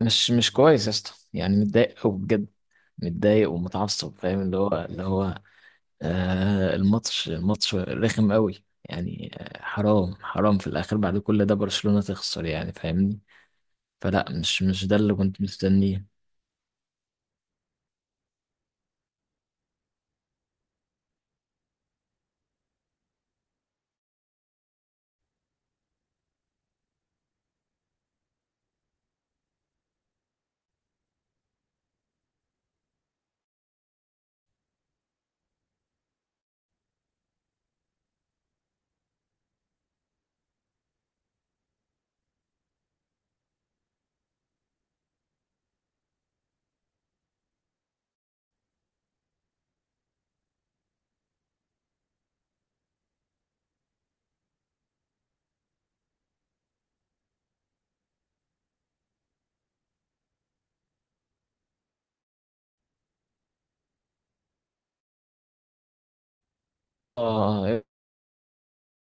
مش كويس يا اسطى، يعني متضايق قوي بجد. متضايق ومتعصب، فاهم اللي هو. الماتش رخم قوي يعني. حرام حرام. في الاخر بعد كل ده برشلونة تخسر، يعني فاهمني؟ فلا، مش ده اللي كنت مستنيه. اه يا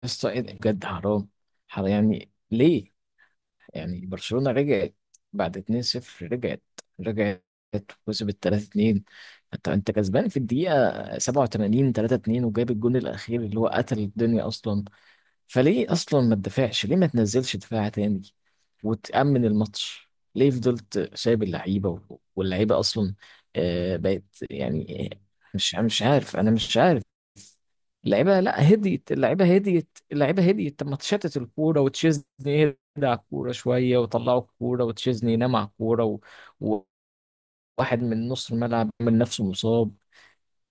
اسطى، إيه ده؟ بجد حرام حرام. يعني ليه؟ يعني برشلونة رجعت بعد 2-0، رجعت وكسبت 3-2. انت كسبان في الدقيقة 87 3-2، وجاب الجون الأخير اللي هو قتل الدنيا أصلا. فليه أصلا ما تدافعش؟ ليه ما تنزلش دفاع تاني وتأمن الماتش؟ ليه فضلت سايب اللعيبة واللعيبة أصلا بقت يعني مش عارف، أنا مش عارف. اللعيبه، لا، هديت اللعيبه، هديت اللعيبه، هديت. طب ما تشتت الكوره وتشيزني يهدى على الكوره شويه، ويطلعوا الكوره وتشيزني ينام على الكوره وواحد من نص الملعب من نفسه مصاب.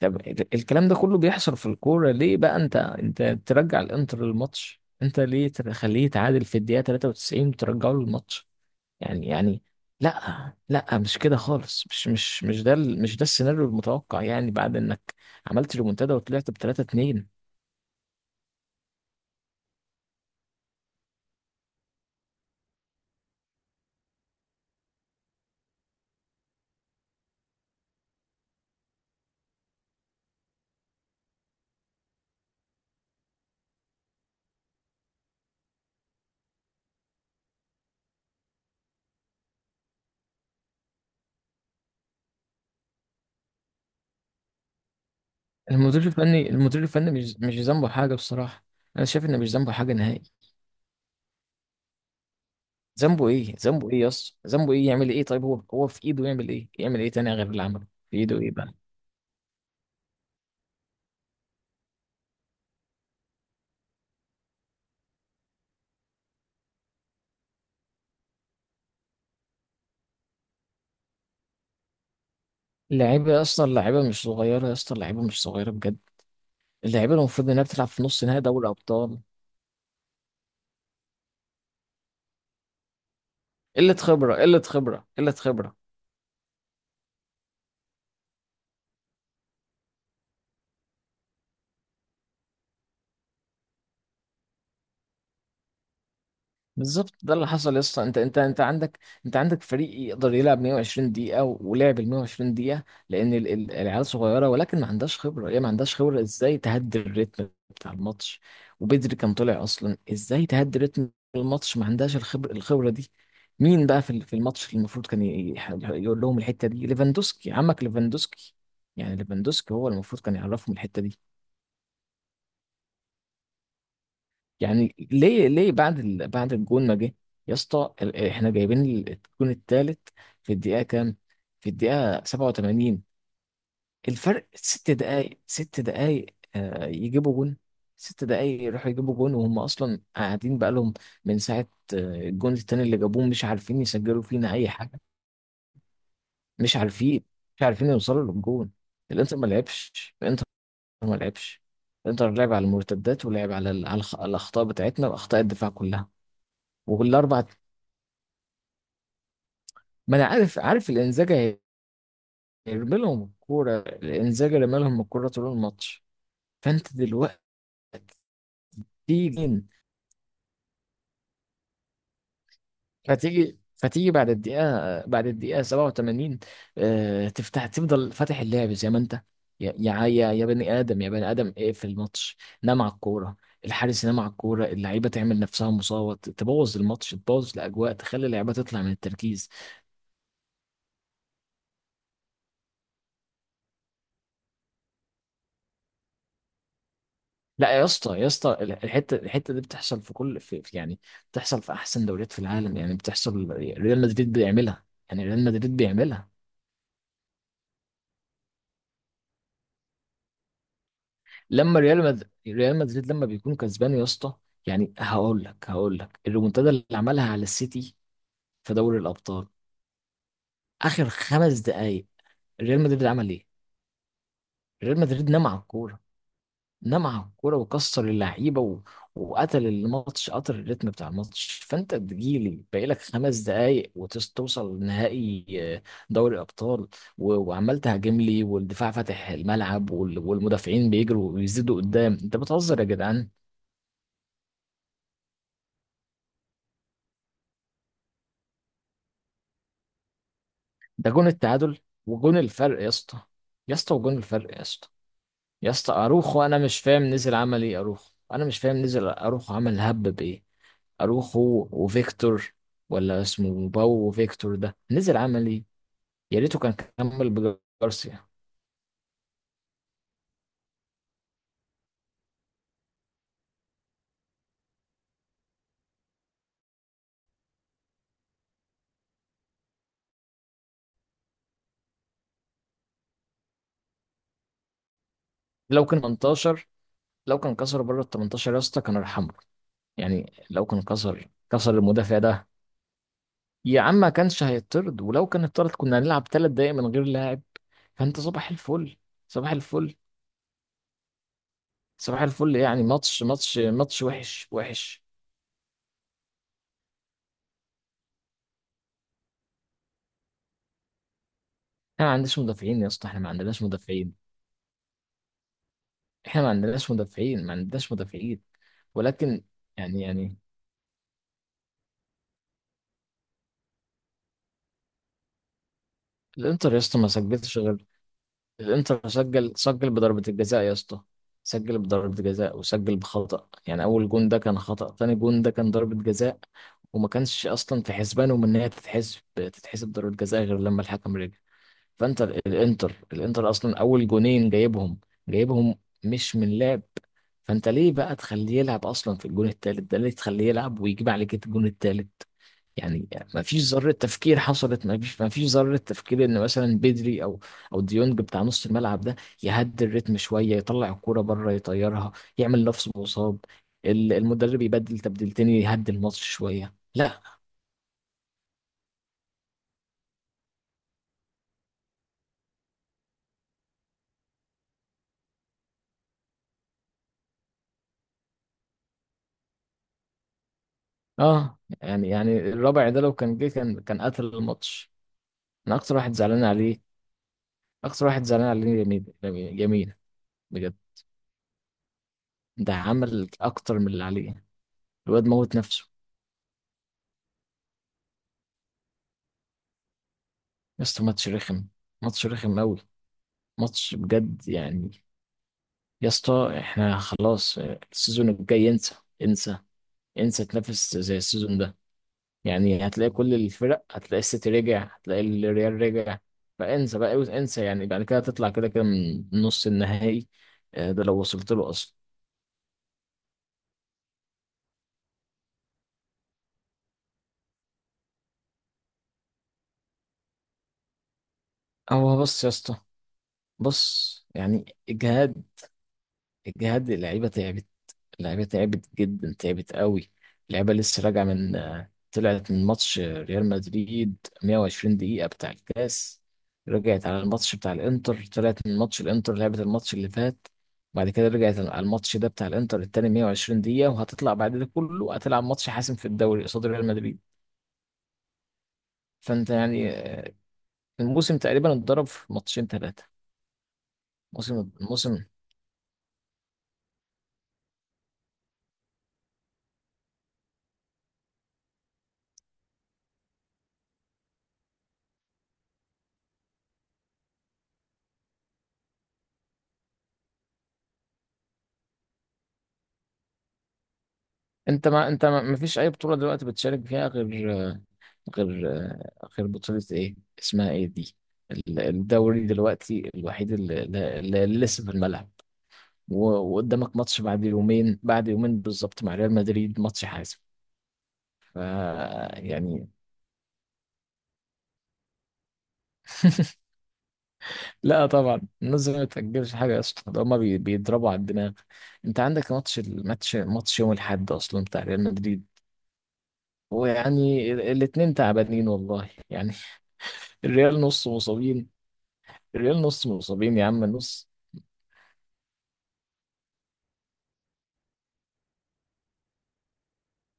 طب الكلام ده كله بيحصل في الكوره ليه بقى؟ انت ترجع الانتر للماتش؟ انت ليه تخليه يتعادل في الدقيقه 93 وترجعه للماتش؟ يعني لا لا، مش كده خالص. مش ده مش ده السيناريو المتوقع، يعني بعد انك عملت ريمونتادا وطلعت ب 3-2. المدير الفني مش ذنبه حاجه بصراحه. انا شايف ان مش ذنبه حاجه نهائي. ذنبه ايه؟ ذنبه ايه يا اسطى؟ ذنبه ايه؟ يعمل ايه؟ طيب هو، هو في ايده يعمل ايه؟ يعمل ايه تاني غير اللي عمله؟ في ايده ايه بقى؟ اللعيبه يا اسطى، اللعيبه مش صغيره يا اسطى، اللعيبه مش صغيره بجد. اللعيبه المفروض انها بتلعب في نص نهائي دوري ابطال. قله خبره، قله خبره، قله خبره. بالظبط ده اللي حصل يا اسطى. انت عندك، انت عندك فريق يقدر يلعب 120 دقيقه ولعب ال 120 دقيقه، لان العيال صغيره ولكن ما عندهاش خبره. هي ما عندهاش خبره ازاي تهدي الريتم بتاع الماتش. وبدري كان طلع اصلا. ازاي تهدي ريتم الماتش؟ ما عندهاش الخبره، الخبره دي. مين بقى في في الماتش اللي المفروض كان يقول لهم الحته دي؟ ليفاندوسكي، عمك ليفاندوسكي. يعني ليفاندوسكي هو المفروض كان يعرفهم الحته دي. يعني ليه؟ ليه بعد بعد الجون ما جه يا اسطى، احنا جايبين الجون الثالث في الدقيقه كام؟ في الدقيقه 87. الفرق ست دقائق، ست دقائق يجيبوا جون. ست دقائق يروحوا يجيبوا جون وهم اصلا قاعدين بقالهم من ساعه. آه، الجون التاني اللي جابوه مش عارفين يسجلوا فينا اي حاجه. مش عارفين، مش عارفين يوصلوا للجون. الانتر ما لعبش، الانتر ما لعبش. الانتر لعب على المرتدات ولعب على الاخطاء بتاعتنا واخطاء الدفاع كلها. والاربع. ما انا عارف، عارف الانزاجة هيرمي لهم الكورة. الانزاجة رمى لهم الكورة طول الماتش. فانت دلوقتي تيجي، فتيجي بعد الدقيقة، بعد الدقيقة 87 تفتح، تفضل فاتح اللعب زي ما انت. يا بني ادم، يا بني ادم، ايه في الماتش؟ نام على الكورة. الحارس ينام على الكورة، اللعيبة تعمل نفسها مصابة، تبوظ الماتش، تبوظ الأجواء، تخلي اللعيبة تطلع من التركيز. لا يا اسطى، يا اسطى، الحته دي بتحصل في كل يعني بتحصل في احسن دوريات في العالم. يعني بتحصل، ريال مدريد بيعملها، يعني ريال مدريد بيعملها. لما ريال مدريد لما بيكون كسبان يا اسطى، يعني هقول لك، هقول لك الريمونتادا اللي عملها على السيتي في دوري الابطال، اخر 5 دقائق. ريال مدريد عمل ايه؟ ريال مدريد نام على الكوره. نام على الكوره وكسر اللعيبه وقتل الماتش، قتل الريتم بتاع الماتش. فانت تجيلي باقي لك 5 دقايق وتوصل لنهائي آه، دوري الابطال. وعمال تهاجم لي، والدفاع فاتح الملعب، والمدافعين بيجروا ويزيدوا قدام. انت بتهزر يا جدعان. ده جون التعادل وجون الفرق يا اسطى. يا اسطى، وجون الفرق يا اسطى. يا اسطى اروخو، انا مش فاهم نزل عمل ايه. اروخو، انا مش فاهم نزل اروخو عمل هب بايه. اروخو وفيكتور، ولا اسمه باو وفيكتور، ده نزل عملي. يا ريته كان كمل بجارسيا. لو كان 18، لو كان كسر بره ال 18 يا اسطى، كان ارحمه. يعني لو كان كسر، كسر المدافع ده، يا عم ما كانش هيطرد. ولو كان اتطرد كنا هنلعب 3 دقايق من غير لاعب. فانت صباح الفل، صباح الفل، صباح الفل. يعني ماتش ماتش وحش، وحش. احنا ما عندناش مدافعين يا اسطى، احنا ما عندناش مدافعين. احنا ما عندناش مدافعين، ما عندناش مدافعين. ولكن يعني يعني الانتر يا اسطى ما سجلتش غير. الانتر سجل، سجل بضربة الجزاء يا اسطى. سجل بضربة جزاء وسجل بخطأ. يعني اول جون ده كان خطأ، تاني جون ده كان ضربة جزاء. وما كانش اصلا في حسبانهم ان هي تتحسب، تتحسب ضربة جزاء غير لما الحكم رجع. فانت الانتر اصلا اول جونين جايبهم، جايبهم مش من لعب. فانت ليه بقى تخليه يلعب اصلا في الجون التالت ده؟ ليه تخليه يلعب ويجيب عليك الجون التالت؟ يعني ما فيش ذرة تفكير حصلت. ما فيش ذرة تفكير ان مثلا بدري او، او ديونج بتاع نص الملعب ده يهدي الريتم شوية، يطلع الكورة بره يطيرها، يعمل لفظ مصاب، المدرب يبدل تبديلتين يهدي الماتش شوية. لا. اه، يعني يعني الرابع ده لو كان جه كان، كان قتل الماتش. انا اكتر واحد زعلان عليه. اكتر واحد زعلان عليه يمين. يمين، بجد. ده عمل اكتر من اللي عليه. الواد موت نفسه. يا اسطى ماتش رخم، ماتش رخم قوي. ماتش بجد يعني. يا اسطى احنا خلاص السيزون الجاي انسى، انسى. انسى تنافس زي السيزون ده. يعني هتلاقي كل الفرق، هتلاقي السيتي رجع، هتلاقي الريال رجع. فانسى بقى، انسى. يعني بعد كده هتطلع كده كده من نص النهائي ده لو وصلت له اصلا. هو بص يا اسطى، بص، يعني الجهاد، الجهاد اللعيبه تعبت. اللعيبة تعبت جدا، تعبت قوي. اللعيبة لسه راجعة من طلعت من ماتش ريال مدريد، 120 دقيقة بتاع الكاس. رجعت على الماتش بتاع الانتر، طلعت من ماتش الانتر، لعبت الماتش اللي فات. بعد كده رجعت على الماتش ده بتاع الانتر التاني، 120 دقيقة. وهتطلع بعد ده كله هتلعب ماتش حاسم في الدوري قصاد ريال مدريد. فانت يعني الموسم تقريبا اتضرب في ماتشين، ثلاثة. الموسم. انت ما انت ما فيش اي بطولة دلوقتي بتشارك فيها غير، غير غير بطولة ايه اسمها ايه دي؟ الدوري دلوقتي الوحيد اللي، اللي لسه في الملعب. وقدامك ماتش بعد يومين، بعد يومين بالظبط، مع ريال مدريد، ماتش حاسم. ف يعني. لا طبعا، الناس ما بتأجلش حاجة يا اسطى. ده هما بيضربوا على الدماغ. انت عندك ماتش، الماتش يوم الاحد اصلا بتاع ريال مدريد. ويعني الاتنين تعبانين والله يعني. الريال نص مصابين. الريال نص مصابين يا عم، النص.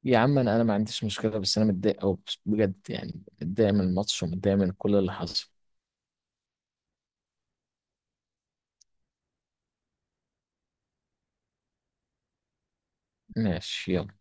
يا عم انا، ما عنديش مشكله، بس انا متضايق او بجد يعني. متضايق من الماتش ومتضايق من كل اللي حصل. ماشي، يلا.